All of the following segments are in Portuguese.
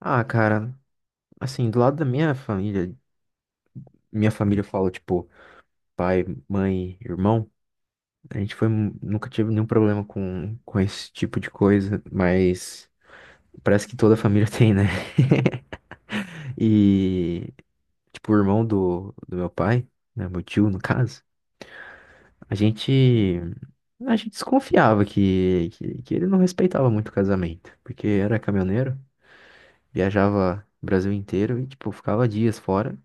Ah, cara, assim, do lado da minha família fala, tipo, pai, mãe, irmão, a gente foi, nunca tive nenhum problema com esse tipo de coisa, mas parece que toda família tem, né? E, tipo, o irmão do meu pai, né, meu tio, no caso, a gente, a gente desconfiava que ele não respeitava muito o casamento, porque era caminhoneiro, viajava o Brasil inteiro e, tipo, ficava dias fora.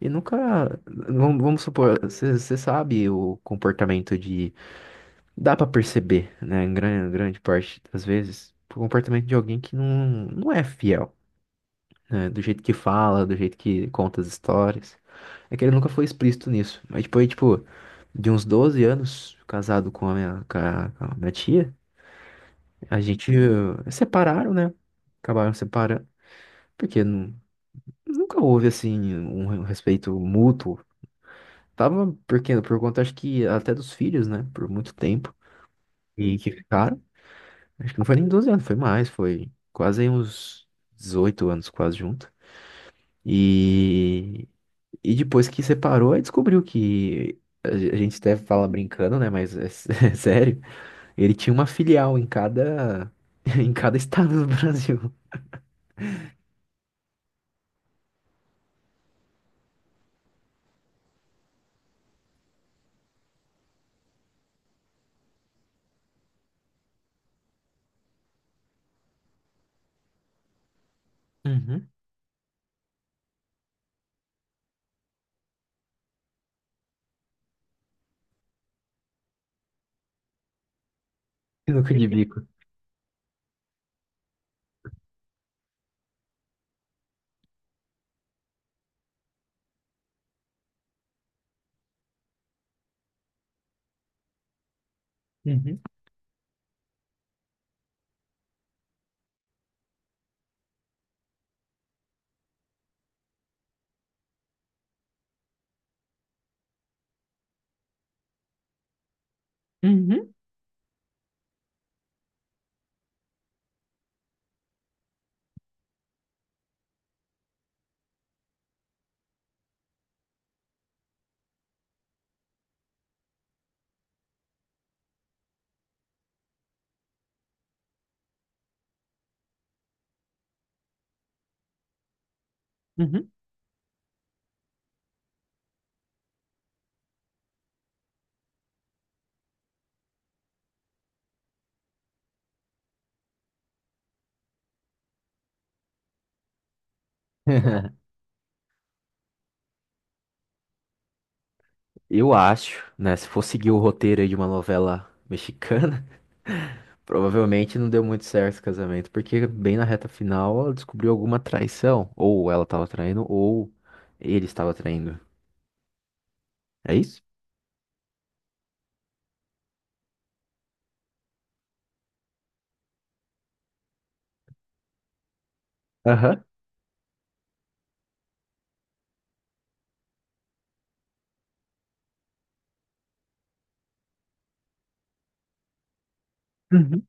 E nunca, vamos supor, você sabe o comportamento de, dá pra perceber, né, em grande parte das vezes, o comportamento de alguém que não é fiel, né, do jeito que fala, do jeito que conta as histórias. É que ele nunca foi explícito nisso, mas depois, tipo, de uns 12 anos, casado com a minha tia, a gente separaram, né, acabaram separando, porque nunca houve, assim, um respeito mútuo. Tava por quê? Por conta, acho que até dos filhos, né? Por muito tempo. E que ficaram. Acho que não foi nem 12 anos, foi mais, foi quase aí uns 18 anos, quase junto. E, e depois que separou, aí descobriu que a gente até fala brincando, né? Mas é sério. Ele tinha uma filial em cada, em cada estado do Brasil. Uhum. Sinuca de bico. Uhum. Uhum. Uhum. Eu acho, né? Se for seguir o roteiro aí de uma novela mexicana, provavelmente não deu muito certo esse casamento, porque bem na reta final ela descobriu alguma traição. Ou ela estava traindo, ou ele estava traindo. É isso? Aham. Uhum.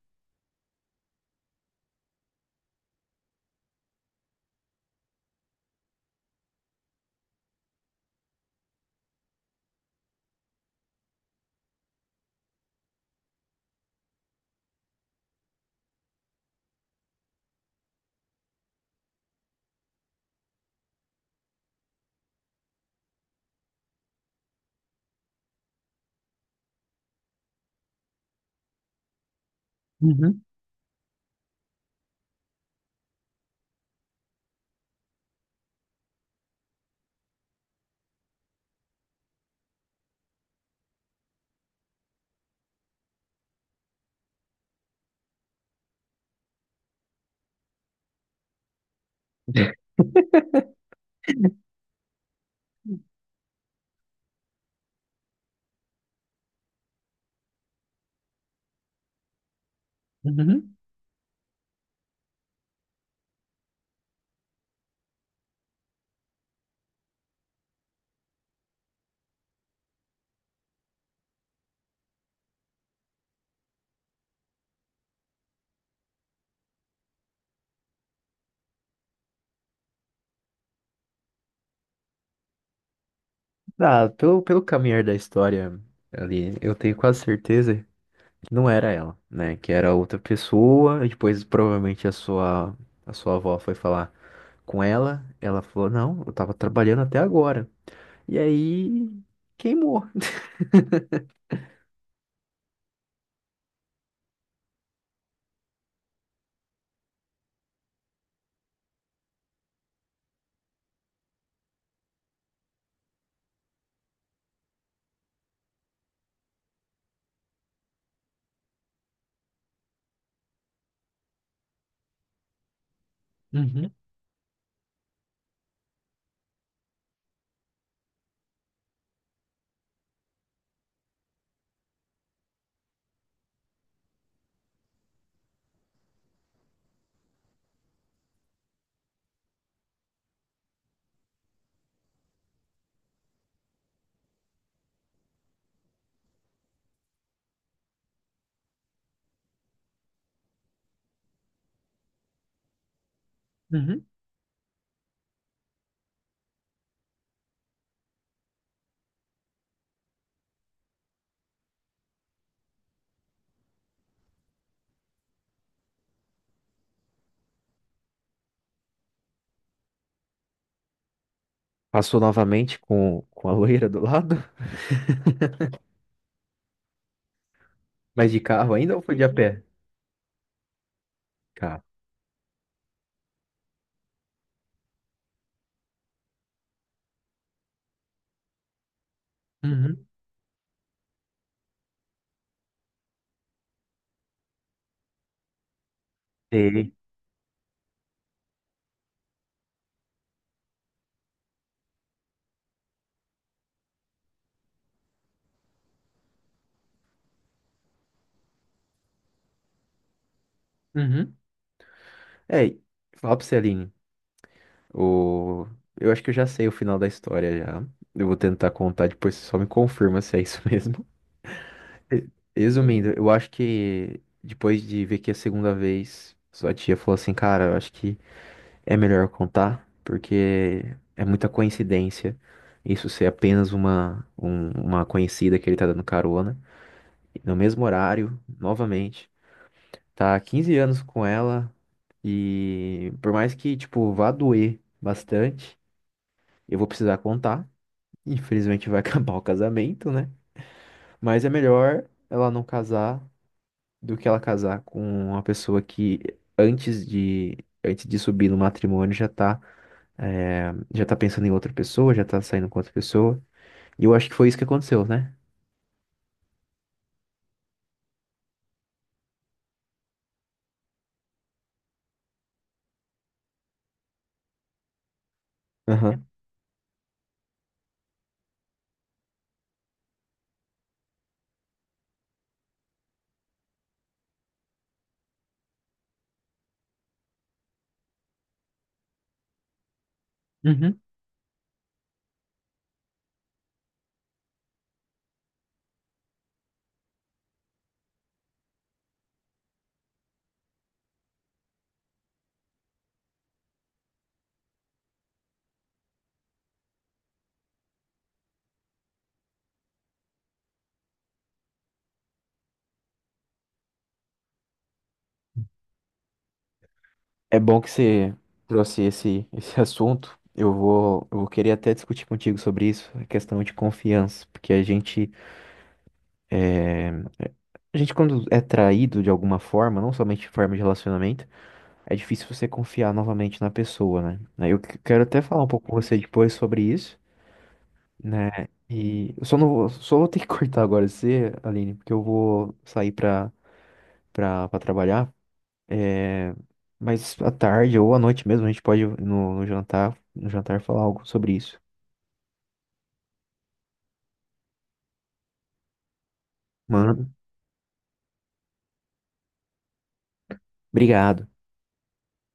Uhum. Uhum. Ah, pelo caminhar da história ali, eu tenho quase certeza que não era ela, né? Que era outra pessoa, e depois provavelmente a sua avó foi falar com ela. Ela falou: Não, eu tava trabalhando até agora. E aí queimou. Uhum. Uhum. Passou novamente com a loira do lado, mas de carro ainda ou foi de a pé? Carro. Uhum. Sei. Uhum. É, fala pra você, Aline. O... Eu acho que eu já sei o final da história já. Eu vou tentar contar depois, você só me confirma se é isso mesmo. Re- Resumindo, eu acho que depois de ver que a segunda vez, sua tia falou assim, cara, eu acho que é melhor contar, porque é muita coincidência isso ser apenas uma conhecida que ele tá dando carona. E no mesmo horário, novamente, tá há 15 anos com ela e por mais que, tipo, vá doer bastante, eu vou precisar contar. Infelizmente vai acabar o casamento, né? Mas é melhor ela não casar do que ela casar com uma pessoa que antes de, antes de subir no matrimônio já tá pensando em outra pessoa, já tá saindo com outra pessoa. E eu acho que foi isso que aconteceu, né? Aham. Uhum. É bom que você trouxe esse assunto. Eu vou querer até discutir contigo sobre isso, a questão de confiança, porque é, a gente quando é traído de alguma forma, não somente em forma de relacionamento, é difícil você confiar novamente na pessoa, né? Eu quero até falar um pouco com você depois sobre isso, né? E eu só não vou, só vou ter que cortar agora você, Aline, porque eu vou sair pra, trabalhar. É, mas à tarde ou à noite mesmo, a gente pode no jantar falar algo sobre isso. Mano, obrigado.